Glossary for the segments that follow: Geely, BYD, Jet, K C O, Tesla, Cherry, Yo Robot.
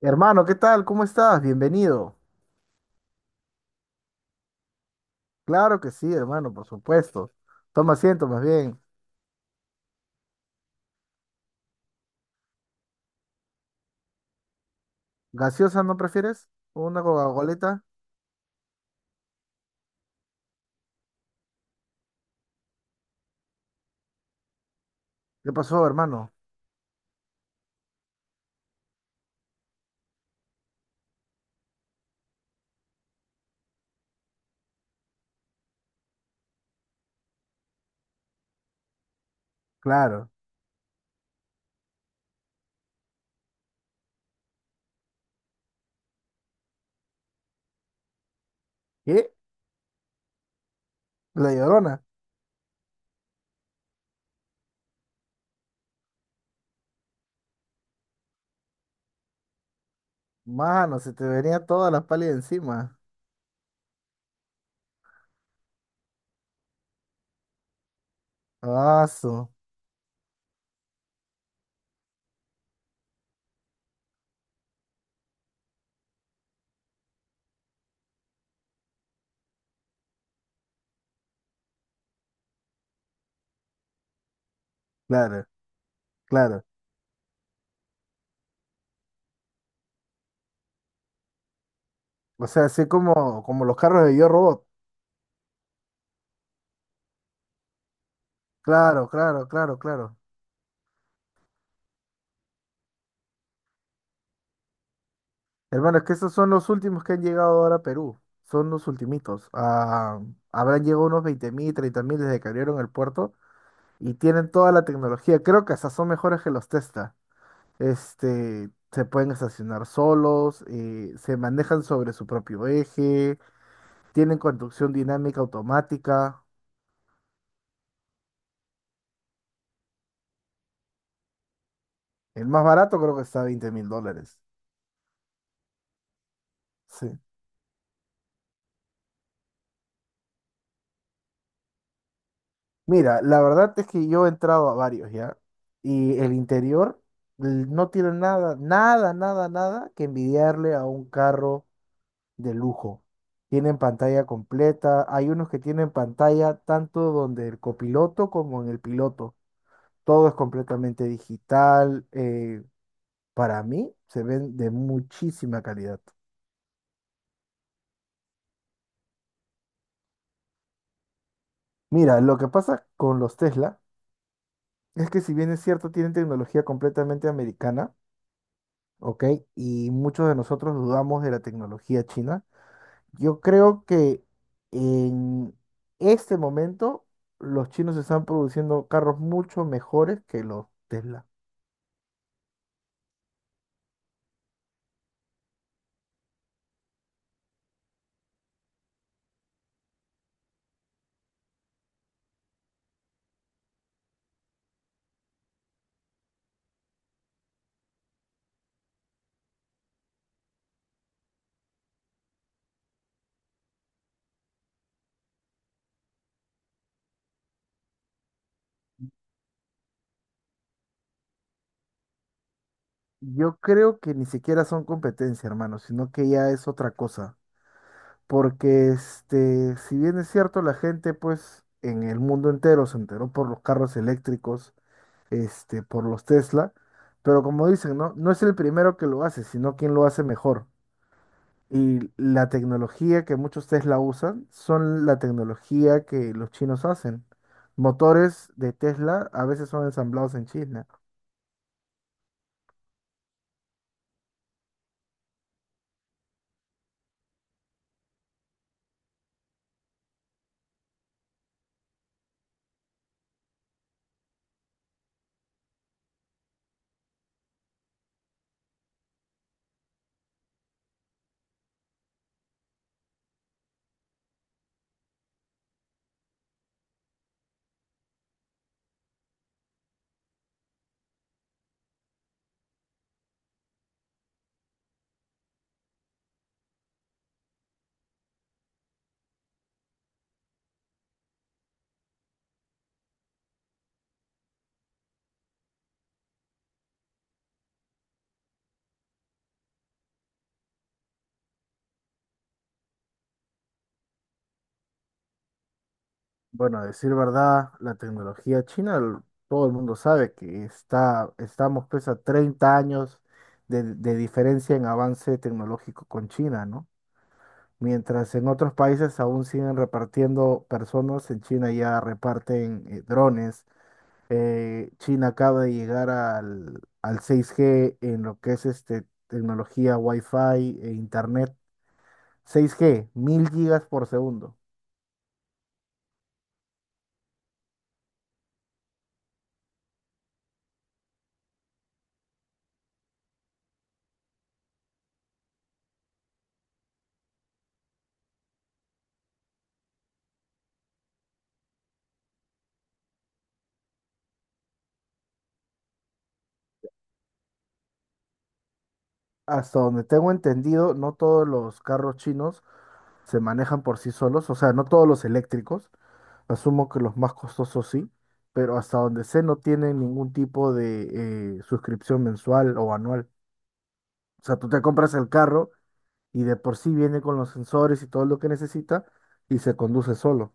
Hermano, ¿qué tal? ¿Cómo estás? Bienvenido. Claro que sí, hermano, por supuesto. Toma asiento, más bien. ¿Gaseosa no prefieres? ¿Una Coca-Colita? ¿Qué pasó, hermano? Claro. ¿Qué? La Llorona. Mano, se te venía toda la pálida encima. Ah, su. Claro, claro. O sea, así como los carros de Yo Robot. Claro, claro, claro, claro. Hermano, es que esos son los últimos que han llegado ahora a Perú. Son los ultimitos. Ah, habrán llegado unos 20.000, 30.000 desde que abrieron el puerto. Y tienen toda la tecnología. Creo que hasta son mejores que los Tesla. Este, se pueden estacionar solos, se manejan sobre su propio eje, tienen conducción dinámica automática. El más barato creo que está a 20 mil dólares. Sí. Mira, la verdad es que yo he entrado a varios ya y el interior no tiene nada, nada, nada, nada que envidiarle a un carro de lujo. Tienen pantalla completa. Hay unos que tienen pantalla tanto donde el copiloto como en el piloto. Todo es completamente digital. Para mí se ven de muchísima calidad. Mira, lo que pasa con los Tesla es que si bien es cierto, tienen tecnología completamente americana, ¿ok? Y muchos de nosotros dudamos de la tecnología china. Yo creo que en este momento los chinos están produciendo carros mucho mejores que los Tesla. Yo creo que ni siquiera son competencia, hermano, sino que ya es otra cosa. Porque este, si bien es cierto, la gente, pues, en el mundo entero se enteró por los carros eléctricos, este, por los Tesla. Pero como dicen, ¿no? No es el primero que lo hace, sino quien lo hace mejor. Y la tecnología que muchos Tesla usan son la tecnología que los chinos hacen. Motores de Tesla a veces son ensamblados en China. Bueno, a decir verdad, la tecnología china, todo el mundo sabe que estamos pues a 30 años de diferencia en avance tecnológico con China, ¿no? Mientras en otros países aún siguen repartiendo personas, en China ya reparten drones, China acaba de llegar al 6G en lo que es este, tecnología Wi-Fi e Internet. 6G, 1000 gigas por segundo. Hasta donde tengo entendido, no todos los carros chinos se manejan por sí solos, o sea, no todos los eléctricos. Asumo que los más costosos sí, pero hasta donde sé no tienen ningún tipo de suscripción mensual o anual. O sea, tú te compras el carro y de por sí viene con los sensores y todo lo que necesita y se conduce solo.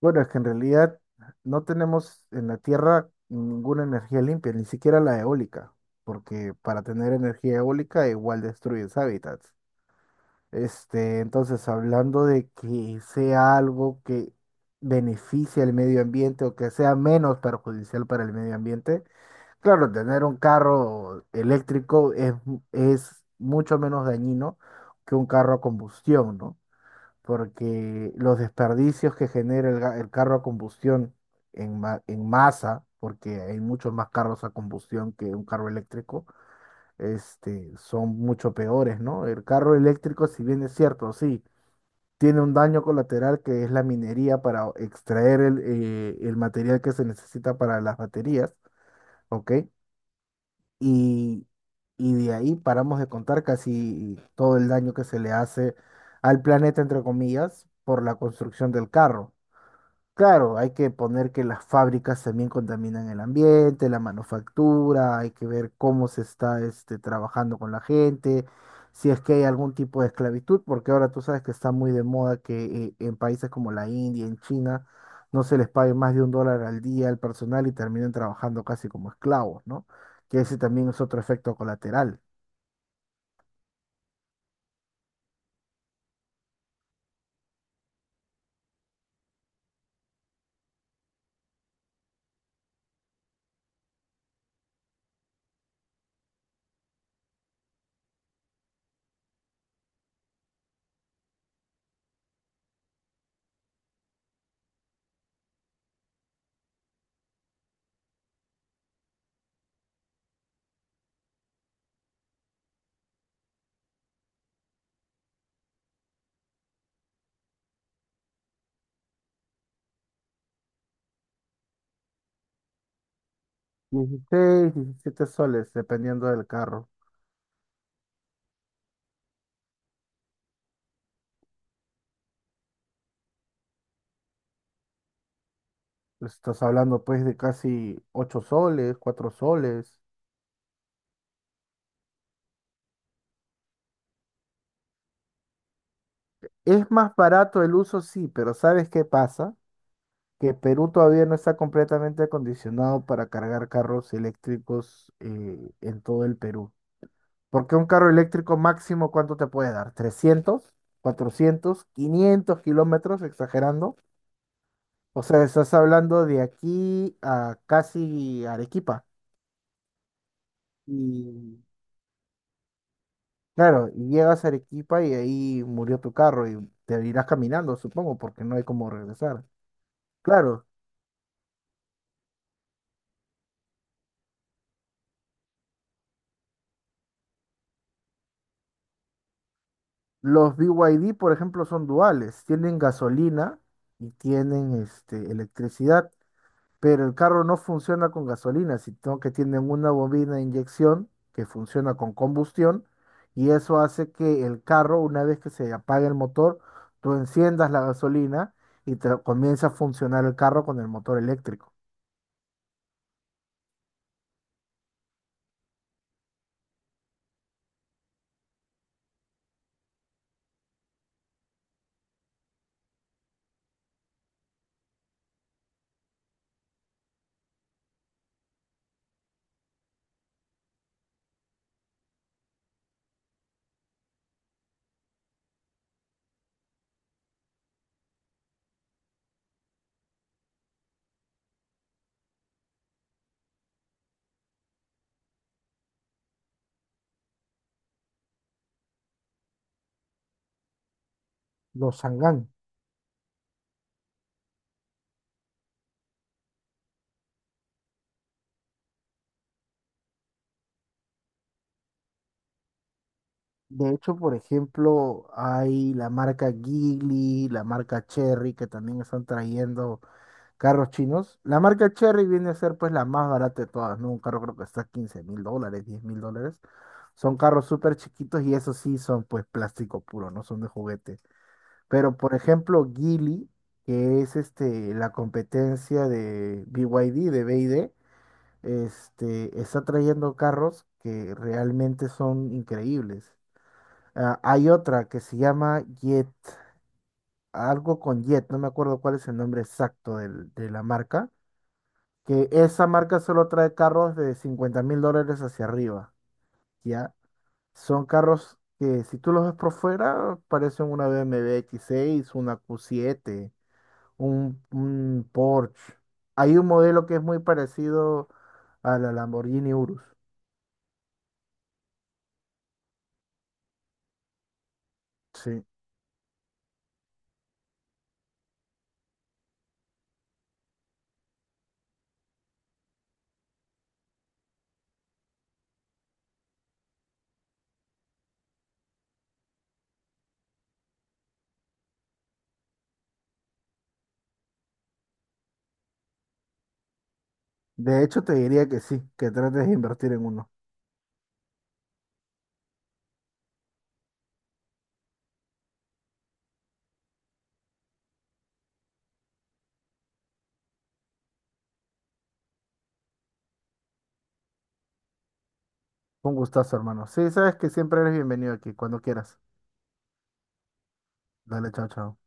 Bueno, es que en realidad no tenemos en la Tierra ninguna energía limpia, ni siquiera la eólica, porque para tener energía eólica igual destruyes hábitats. Este, entonces, hablando de que sea algo que beneficie al medio ambiente o que sea menos perjudicial para el medio ambiente, claro, tener un carro eléctrico es mucho menos dañino que un carro a combustión, ¿no? Porque los desperdicios que genera el carro a combustión en masa, porque hay muchos más carros a combustión que un carro eléctrico, este, son mucho peores, ¿no? El carro eléctrico, si bien es cierto, sí, tiene un daño colateral que es la minería para extraer el material que se necesita para las baterías, ¿ok? y, y de ahí paramos de contar casi todo el daño que se le hace al planeta, entre comillas, por la construcción del carro. Claro, hay que poner que las fábricas también contaminan el ambiente, la manufactura, hay que ver cómo se está este, trabajando con la gente, si es que hay algún tipo de esclavitud, porque ahora tú sabes que está muy de moda que en países como la India, en China, no se les pague más de un dólar al día al personal y terminen trabajando casi como esclavos, ¿no? Que ese también es otro efecto colateral. 16, 17 soles, dependiendo del carro. Estás hablando pues de casi 8 soles, 4 soles. Es más barato el uso, sí, pero ¿sabes qué pasa? Que Perú todavía no está completamente acondicionado para cargar carros eléctricos en todo el Perú. Porque un carro eléctrico máximo, ¿cuánto te puede dar? 300, 400, 500 kilómetros Exagerando. O sea, estás hablando de aquí a casi Arequipa. Y claro, y llegas a Arequipa y ahí murió tu carro y te irás caminando, supongo, porque no hay cómo regresar. Claro. Los BYD, por ejemplo, son duales. Tienen gasolina y tienen este, electricidad, pero el carro no funciona con gasolina, sino que tienen una bobina de inyección que funciona con combustión y eso hace que el carro, una vez que se apague el motor, tú enciendas la gasolina y te comienza a funcionar el carro con el motor eléctrico. Los Sangán. De hecho, por ejemplo, hay la marca Geely, la marca Cherry, que también están trayendo carros chinos. La marca Cherry viene a ser pues la más barata de todas, ¿no? Un carro creo que está $15.000, $10.000. Son carros súper chiquitos y esos sí son pues plástico puro, no son de juguete. Pero por ejemplo, Geely, que es este, la competencia de BYD, este, está trayendo carros que realmente son increíbles. Ah, hay otra que se llama Jet, algo con Jet, no me acuerdo cuál es el nombre exacto de la marca que esa marca solo trae carros de $50.000 hacia arriba, ¿ya? Son carros que si tú los ves por fuera parecen una BMW X6, una Q7, un Porsche. Hay un modelo que es muy parecido a la Lamborghini Urus, sí. De hecho, te diría que sí, que trates de invertir en uno. Un gustazo, hermano. Sí, sabes que siempre eres bienvenido aquí, cuando quieras. Dale, chao, chao.